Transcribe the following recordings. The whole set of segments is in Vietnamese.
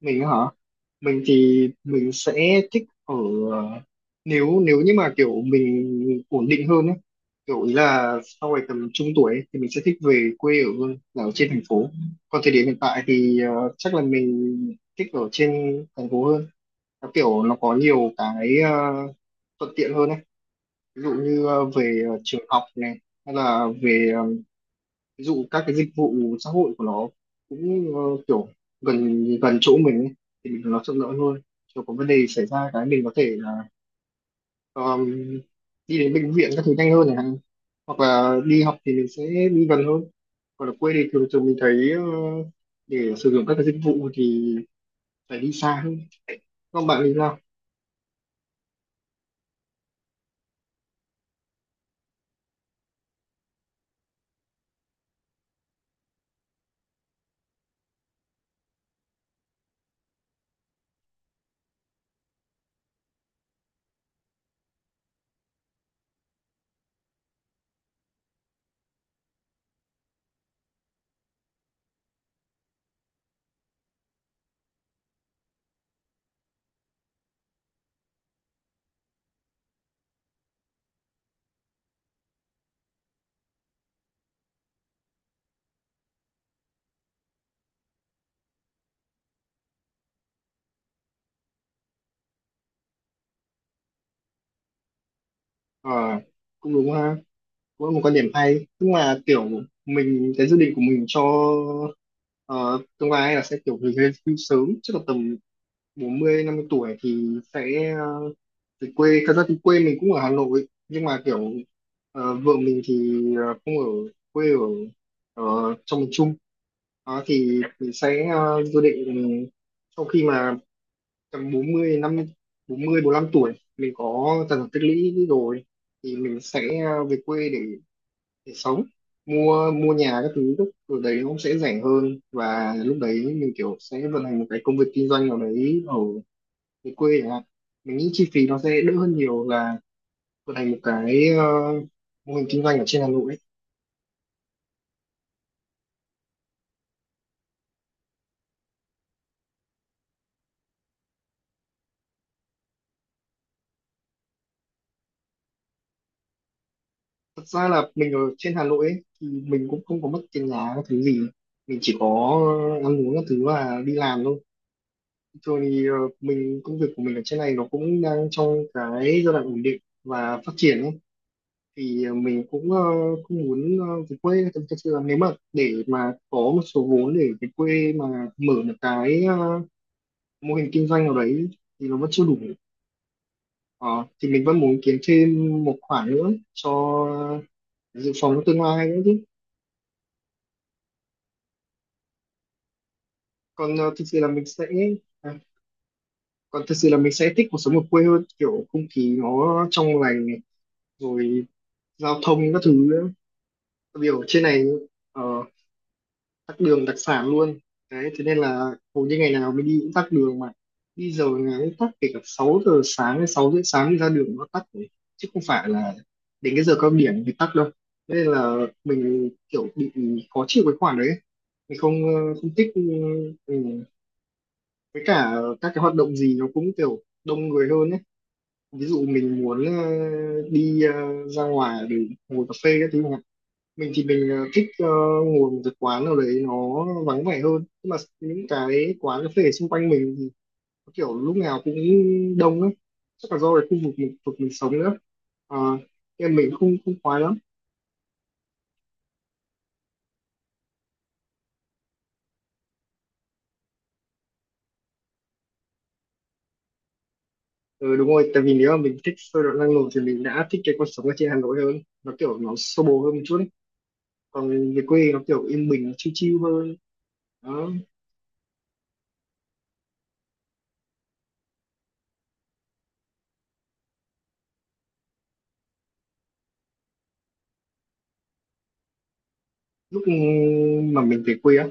Mình hả? Mình thì mình sẽ thích ở nếu nếu như mà kiểu mình ổn định hơn ấy, kiểu ý là sau này tầm trung tuổi ấy, thì mình sẽ thích về quê ở hơn là ở trên thành phố. Còn thời điểm hiện tại thì chắc là mình thích ở trên thành phố hơn. Nó kiểu nó có nhiều cái thuận tiện hơn ấy. Ví dụ như về trường học này, hay là về ví dụ các cái dịch vụ xã hội của nó cũng kiểu gần gần chỗ mình ấy, thì mình nó thuận lợi hơn. Kiểu có vấn đề xảy ra cái mình có thể là um, đi đến bệnh viện các thứ nhanh hơn này, hoặc là đi học thì mình sẽ đi gần hơn. Còn ở quê thì thường thường mình thấy để sử dụng các cái dịch vụ thì phải đi xa hơn. Còn bạn thì sao? Ờ, Cũng đúng ha, cũng là một quan điểm hay, nhưng mà kiểu mình cái dự định của mình cho ờ, tương lai là sẽ kiểu về hưu sớm, chắc là tầm bốn mươi năm mươi tuổi thì sẽ ờ, về quê. Thật ra thì quê mình cũng ở Hà Nội, nhưng mà kiểu vợ mình thì không ở, quê ở trong miền Trung. Đó thì mình sẽ dự định, sau khi mà tầm 40 năm, bốn mươi bốn, 45 tuổi mình có tài sản tích lũy rồi, thì mình sẽ về quê để sống, mua mua nhà các thứ, lúc ở đấy nó cũng sẽ rẻ hơn, và lúc đấy mình kiểu sẽ vận hành một cái công việc kinh doanh nào đấy ở cái quê chẳng hạn. Mình nghĩ chi phí nó sẽ đỡ hơn nhiều là vận hành một cái mô hình kinh doanh ở trên Hà Nội ấy. Thật ra là mình ở trên Hà Nội ấy, thì mình cũng không có mất tiền nhà các thứ gì, mình chỉ có ăn uống các thứ và đi làm thôi. Thường thì mình công việc của mình ở trên này nó cũng đang trong cái giai đoạn ổn định và phát triển ấy, thì mình cũng cũng muốn về quê. Thật sự là nếu mà để mà có một số vốn để về quê mà mở được cái mô hình kinh doanh nào đấy thì nó vẫn chưa đủ. Ờ, thì mình vẫn muốn kiếm thêm một khoản nữa cho dự phòng cho tương lai nữa chứ. còn ờ, thực sự là mình sẽ à, Còn thực sự là mình sẽ thích cuộc sống ở quê hơn, kiểu không khí nó trong lành này, rồi giao thông các thứ nữa. Tại vì ở trên này ờ, tắc đường đặc sản luôn đấy. Thế nên là hầu như ngày nào mình đi cũng tắc đường, mà đi giờ ngày cũng tắc, kể cả 6 giờ sáng hay 6 rưỡi sáng đi ra đường nó tắc đấy. Chứ không phải là đến cái giờ cao điểm thì tắc đâu. Thế nên là mình kiểu bị khó chịu cái khoản đấy. Mình không thích ừ, ừ. Với cả các cái hoạt động gì nó cũng kiểu đông người hơn ấy. Ví dụ mình muốn đi ra ngoài để ngồi cà phê các thứ. Mình thì mình thích ngồi một cái quán nào đấy nó vắng vẻ hơn, nhưng mà những cái quán cà phê xung quanh mình thì có kiểu lúc nào cũng đông ấy. Chắc là do cái khu vực mình sống nữa. Ờ, Nên mình không không khoái lắm. Ừ, đúng rồi, tại vì nếu mà mình thích sôi động năng nổ thì mình đã thích cái cuộc sống ở trên Hà Nội hơn, nó kiểu nó xô bồ hơn một chút ấy. Còn về quê nó kiểu yên bình, nó chill chill hơn đó. Lúc mà mình về quê á,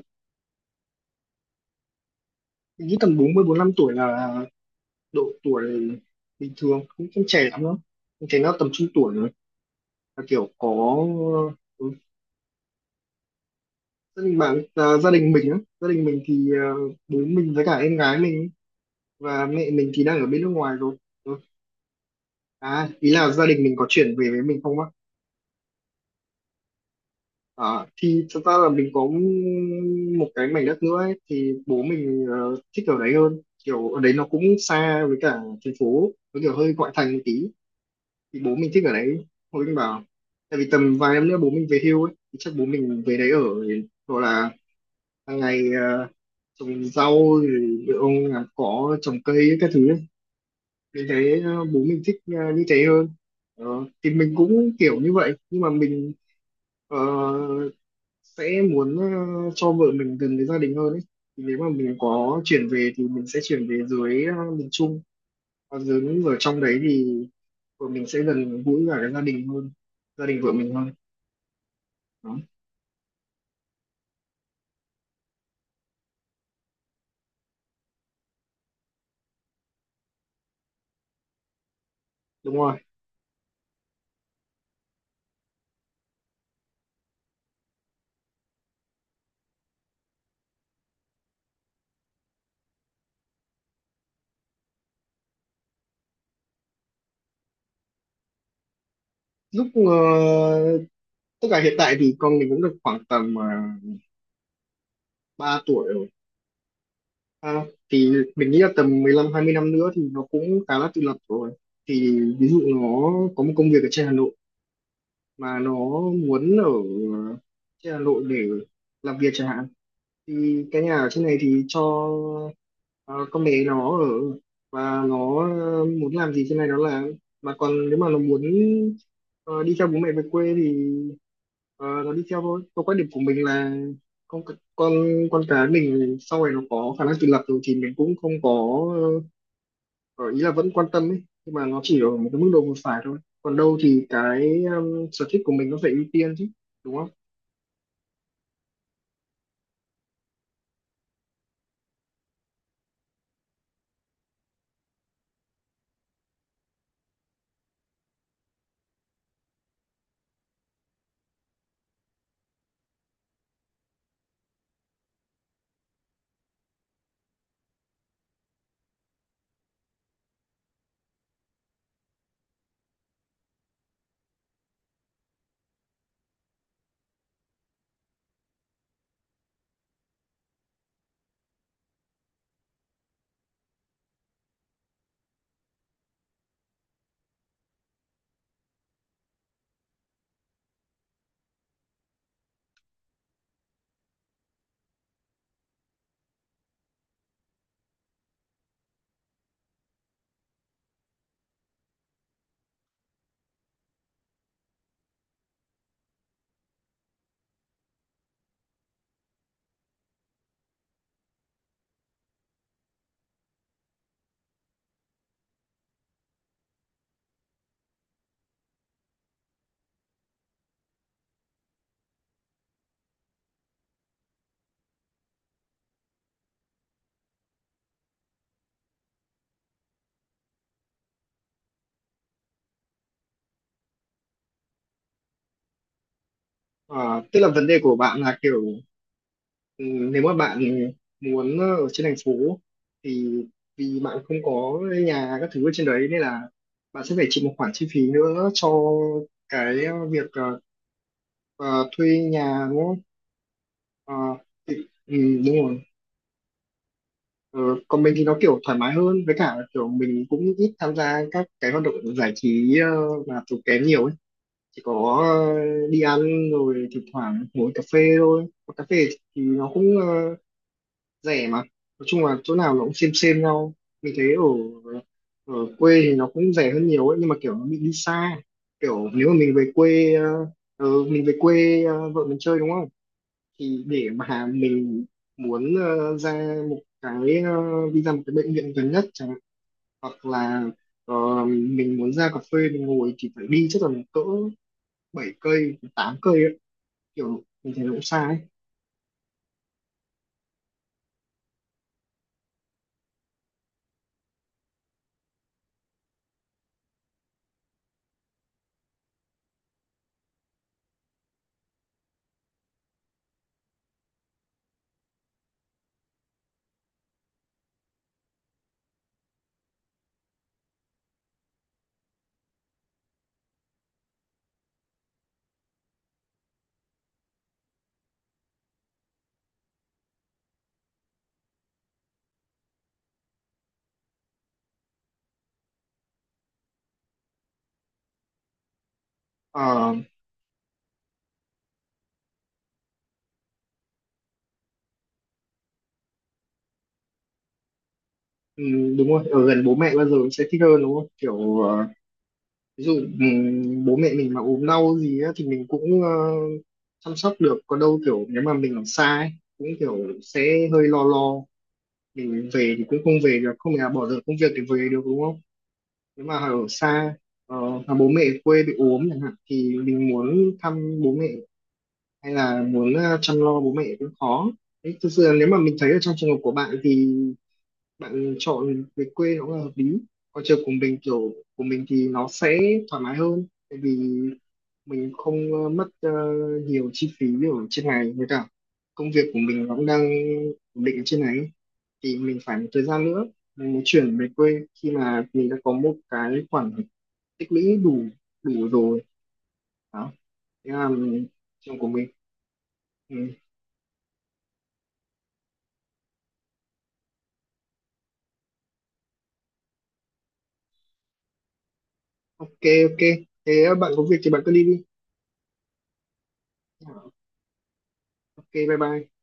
mình nghĩ tầm bốn mươi bốn, 45 tuổi là độ tuổi bình thường, cũng không trẻ lắm đâu. Em thấy nó tầm trung tuổi rồi, là kiểu có. ừ, Gia đình bạn à? Gia đình mình á, gia đình mình thì à, bố mình với cả em gái mình và mẹ mình thì đang ở bên nước ngoài rồi. Ừ. À, ý là gia đình mình có chuyển về với mình không á? À, thì thật ra là mình có một cái mảnh đất nữa ấy, thì bố mình thích ở đấy hơn, kiểu ở đấy nó cũng xa, với cả thành phố, nó kiểu hơi ngoại thành một tí. Thì bố mình thích ở đấy, hồi mình bảo tại vì tầm vài năm nữa bố mình về hưu ấy, thì chắc bố mình về đấy ở, hoặc là hàng ngày trồng rau, rồi ông làm cỏ trồng cây ấy, các thứ ấy. Mình thấy bố mình thích như thế hơn. Ờ, thì mình cũng kiểu như vậy, nhưng mà mình ờ, sẽ muốn cho vợ mình gần với gia đình hơn ấy, thì nếu mà mình có chuyển về thì mình sẽ chuyển về dưới miền Trung. Còn dưới ở trong đấy thì vợ mình sẽ gần gũi cả cái gia đình hơn, gia đình vợ mình hơn. Đó, đúng rồi. Lúc ờ, Tức là hiện tại thì con mình cũng được khoảng tầm 3 tuổi rồi. À, thì mình nghĩ là tầm 15 20 năm nữa thì nó cũng khá là tự lập rồi. Thì ví dụ nó có một công việc ở trên Hà Nội mà nó muốn ở ờ, trên Hà Nội để làm việc chẳng hạn, thì cái nhà ở trên này thì cho ờ, con bé nó ở, và nó muốn làm gì trên này nó làm. Mà còn nếu mà nó muốn ờ, đi theo bố mẹ về quê thì nó đi theo thôi. Còn quan điểm của mình là con con con cái mình sau này nó có khả năng tự lập rồi thì mình cũng không có, ờ, ý là vẫn quan tâm ấy, nhưng mà nó chỉ ở một cái mức độ vừa phải thôi, còn đâu thì cái sở thích của mình nó phải ưu tiên chứ, đúng không? Ờ, Tức là vấn đề của bạn là kiểu, ừ, nếu mà bạn muốn ở trên thành phố thì vì bạn không có nhà các thứ ở trên đấy nên là bạn sẽ phải chịu một khoản chi phí nữa cho cái việc thuê nhà đúng không? Ờ, thì, ừ, Đúng rồi. Ờ, Còn mình thì nó kiểu thoải mái hơn, với cả kiểu mình cũng ít tham gia các cái hoạt động giải trí mà tốn kém nhiều ấy, chỉ có đi ăn rồi thỉnh thoảng ngồi cà phê thôi. Mà cà phê thì nó cũng rẻ mà, nói chung là chỗ nào nó cũng xem nhau. Mình thấy ở ở quê thì nó cũng rẻ hơn nhiều ấy, nhưng mà kiểu nó bị đi xa. Kiểu nếu mà mình về quê ờ, ờ, mình về quê vợ mình chơi đúng không, thì để mà mình muốn ờ, ra một cái ờ, đi ra một cái bệnh viện gần nhất chẳng hạn, hoặc là ờ, mình muốn ra cà phê mình ngồi thì phải đi chắc là cỡ 7 cây 8 cây ấy. Kiểu mình thấy nó cũng xa ấy. Ờ, ừ, Đúng rồi, ở gần bố mẹ bao giờ cũng sẽ thích hơn đúng không, kiểu ví dụ bố mẹ mình mà ốm đau gì á, thì mình cũng chăm sóc được, còn đâu kiểu nếu mà mình ở xa ấy, cũng kiểu sẽ hơi lo lo. Thì về thì cũng không về được, không nhà bỏ dở công việc thì về được đúng không. Nếu mà ở xa mà bố mẹ ở quê bị ốm chẳng hạn thì mình muốn thăm bố mẹ hay là muốn chăm lo bố mẹ cũng khó. Đấy, thực sự là nếu mà mình thấy ở trong trường hợp của bạn thì bạn chọn về quê nó là hợp lý. Còn trường của mình, kiểu của mình thì nó sẽ thoải mái hơn, tại vì mình không ờ, mất nhiều chi phí ở trên này, với cả công việc của mình nó cũng đang ổn định ở trên này, thì mình phải một thời gian nữa mình mới chuyển về quê, khi mà mình đã có một cái khoản tích lũy đủ đủ rồi. Đó, thế là trường của mình. Ừ. Ok, ok, thế bạn có việc thì bạn cứ đi đi. Dạ, ok, bye bye.